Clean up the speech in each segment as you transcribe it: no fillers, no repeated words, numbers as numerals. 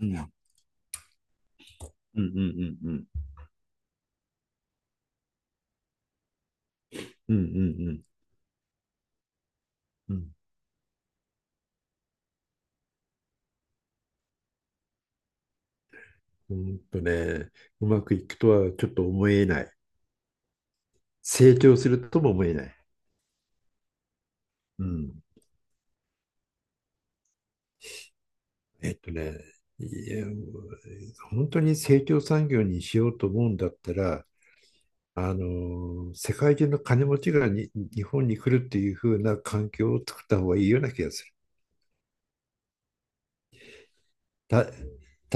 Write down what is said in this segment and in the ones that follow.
うん。うんうんうんうん。うんうんうん。うん。うんとね、うまくいくとはちょっと思えない。成長するとも思えない。うん。えっとね、いや、本当に成長産業にしようと思うんだったら、世界中の金持ちがに日本に来るっていう風な環境を作った方がいいような気がする。た、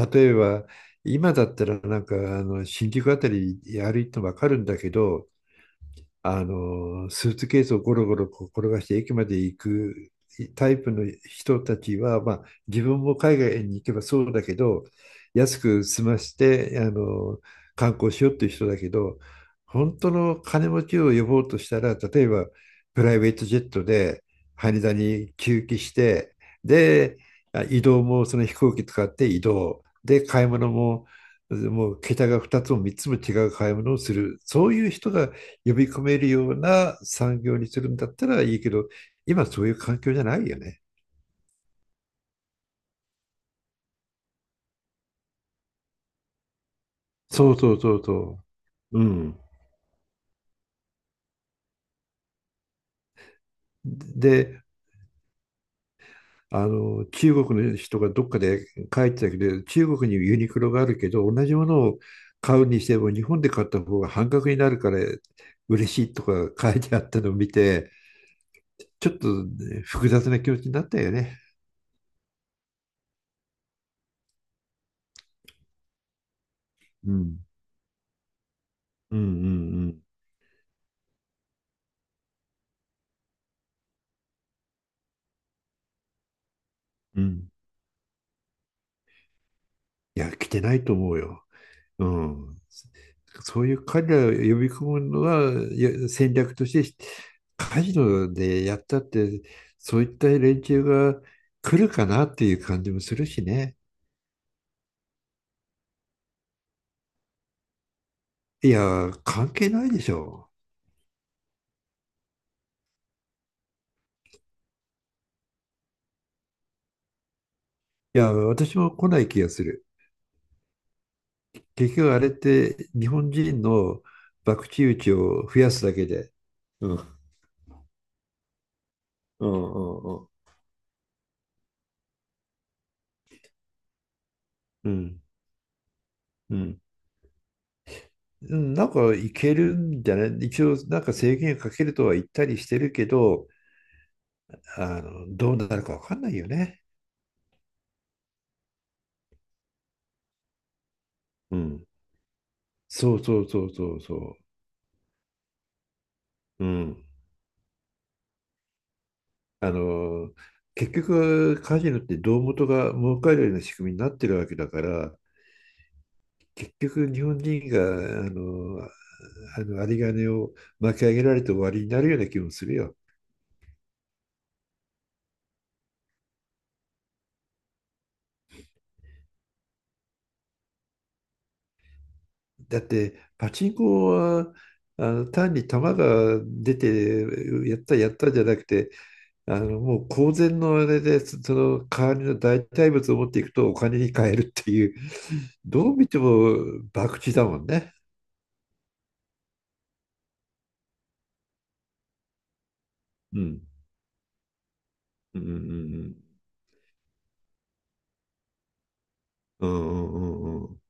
例えば、今だったらなんかあの新宿あたり歩いてもわかるんだけど、スーツケースをゴロゴロこう転がして駅まで行くタイプの人たちは、まあ、自分も海外に行けばそうだけど、安く済まして、観光しようっていう人だけど、本当の金持ちを呼ぼうとしたら、例えばプライベートジェットで羽田に駐機して、で、移動もその飛行機使って移動。で、買い物も、もう桁が2つも3つも違う買い物をする。そういう人が呼び込めるような産業にするんだったらいいけど、今そういう環境じゃないよね。そうそうそうそう、うん。で、中国の人がどっかで書いてたけど、中国にユニクロがあるけど、同じものを買うにしても日本で買った方が半額になるから嬉しいとか書いてあったのを見て、ちょっとね複雑な気持ちになったよね。うんうんうん。うんうん。いや、来てないと思うよ。うん。そういう彼らを呼び込むのは戦略としてカジノでやったって、そういった連中が来るかなっていう感じもするしね。いや、関係ないでしょう。いや、私も来ない気がする。結局あれって日本人の博打打ちを増やすだけで。うん。うんうんうんうん。うん。なんかいけるんじゃない？一応なんか制限かけるとは言ったりしてるけど、どうなるかわかんないよね。うん。そうそうそうそうそう。うん。あの、結局カジノって胴元が儲かるような仕組みになってるわけだから、結局日本人が、あの、有り金を巻き上げられて終わりになるような気もするよ。だって、パチンコは、単に球が出てやったやったじゃなくて、もう公然のあれで、その代わりの代替物を持っていくとお金に換えるっていう、どう見ても博打だもんね。うん。うんうんうんうん。うんうんうん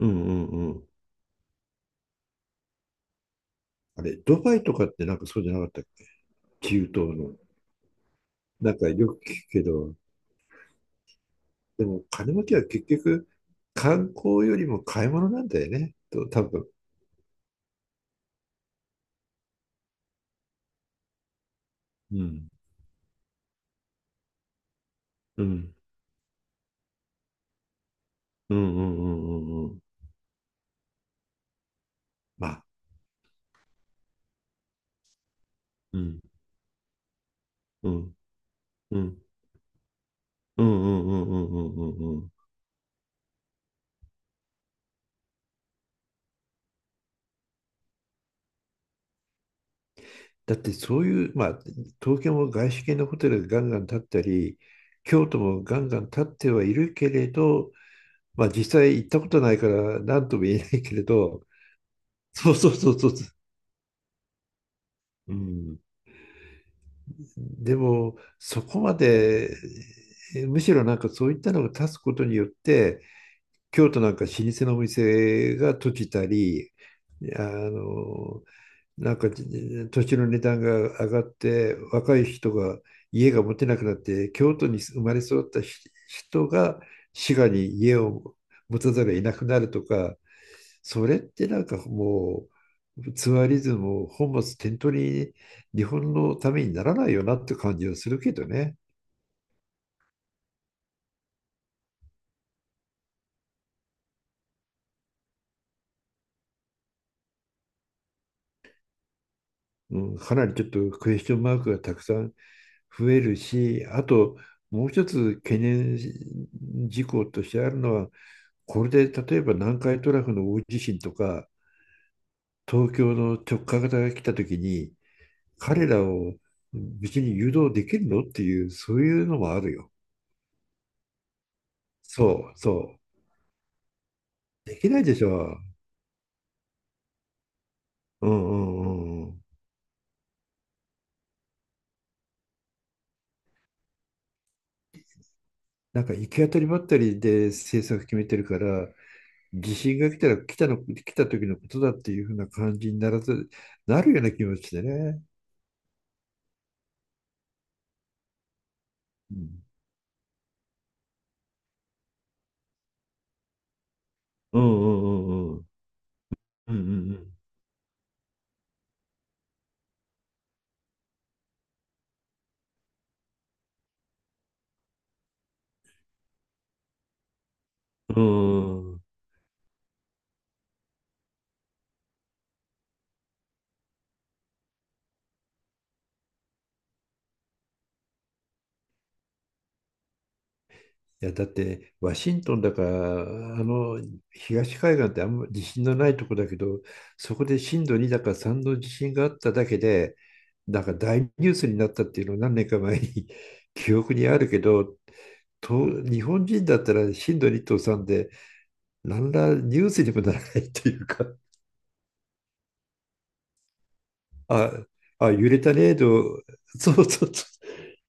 うんうんうん。あれ、ドバイとかってなんかそうじゃなかったっけ、中東の。なんかよく聞くけど、でも金持ちは結局観光よりも買い物なんだよね。と、多分。うん。うん。うんうんうんうんうん。まあ。うん。うん。うん。うんうんうんうんうんうんうん。だってそういう、まあ、東京も外資系のホテルがガンガン建ったり、京都もガンガン建ってはいるけれど、まあ実際行ったことないから何とも言えないけれど、そうそうそうそう。うん、でも、そこまで、むしろなんかそういったのが立つことによって、京都なんか老舗のお店が閉じたり、あの、なんか土地の値段が上がって若い人が家が持てなくなって、京都に生まれ育った人が滋賀に家を持たざるを得なくなるとか、それってなんかもうツアリズムを本末転倒に、日本のためにならないよなって感じはするけどね。うん、かなりちょっとクエスチョンマークがたくさん増えるし、あと、もう一つ懸念事項としてあるのは、これで例えば南海トラフの大地震とか、東京の直下型が来た時に、彼らを別に誘導できるのっていう、そういうのもあるよ。そう、そう。できないでしょ。うんうんうんうん。なんか行き当たりばったりで政策決めてるから、地震が来たら来たの、来た時のことだっていうふうな感じにならず、なるような気持ちでね。うんうんうんうんうん。うんうんうん。うん、いや、だって、ワシントンだから、あの、東海岸ってあんま地震のないとこだけど、そこで震度2だか3の地震があっただけで、なんか大ニュースになったっていうのを何年か前に 記憶にあるけど、と、日本人だったら震度2と3で、何らニュースにもならないっていうか、あ、あ、揺れたねと、そうそうそう。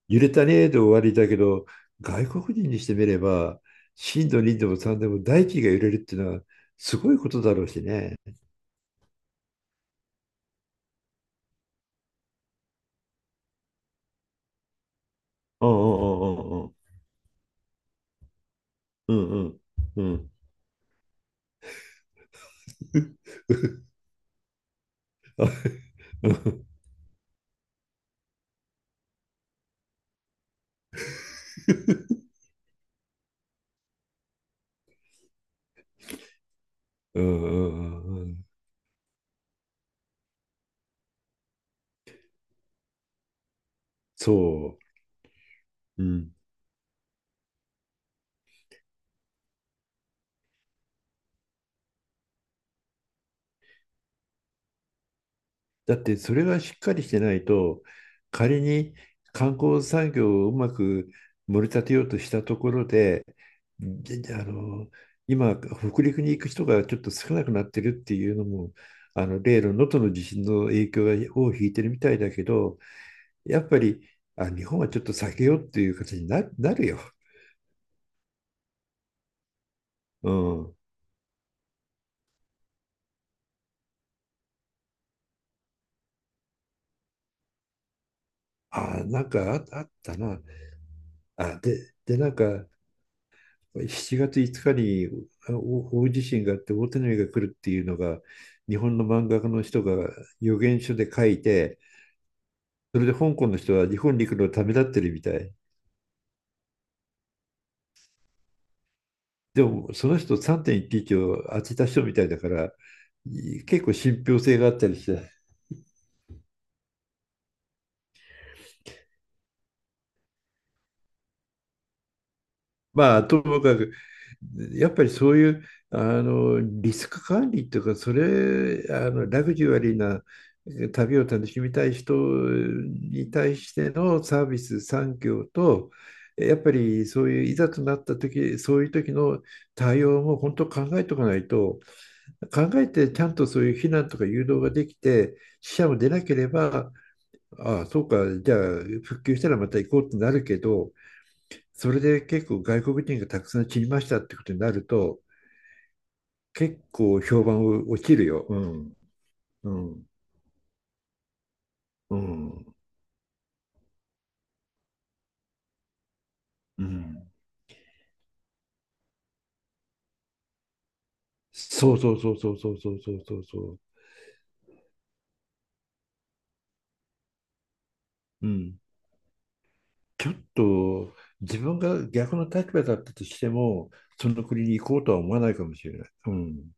揺れたねと終わりだけど、外国人にしてみれば、震度2でも3でも大気が揺れるっていうのはすごいことだろうしね。うんうんうんうんうん。うんうん うんうんうんうん。そう。うん。だってそれがしっかりしてないと、仮に観光産業をうまく盛り立てようとしたところで、で今、北陸に行く人がちょっと少なくなってるっていうのも、あの例の能登の地震の影響が尾を引いてるみたいだけど、やっぱり日本はちょっと避けようっていう形になるよ。うん。あ、なんかあ、あったな。あ、で、なんか7月5日にお大地震があって大手紙が来るっていうのが、日本の漫画家の人が予言書で書いて、それで香港の人は日本に行くのをためらってるみたい。でもその人3.11を当てた人みたいだから結構信憑性があったりして、まあ、ともかく、やっぱりそういう、リスク管理っていうか、それ、ラグジュアリーな旅を楽しみたい人に対してのサービス産業と、やっぱりそういういざとなった時、そういう時の対応も本当考えておかないと。考えてちゃんとそういう避難とか誘導ができて、死者も出なければ、ああ、そうか、じゃあ復旧したらまた行こうってなるけど、それで結構外国人がたくさん散りましたってことになると、結構評判を落ちるよ。うん。うん。うん。うん。そうそうそうそうそうそうそうそうそう。うん。ちょっと自分が逆の立場だったとしても、その国に行こうとは思わないかもしれない。うん。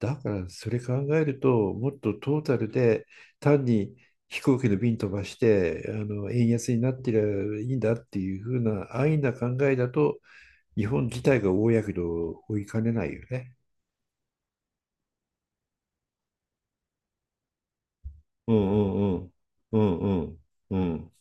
だからそれ考えると、もっとトータルで、単に飛行機の便飛ばして、円安になってりゃいいんだっていう風な安易な考えだと、日本自体が大やけどを負いかねないよね。うんうんうん。うんうんうん。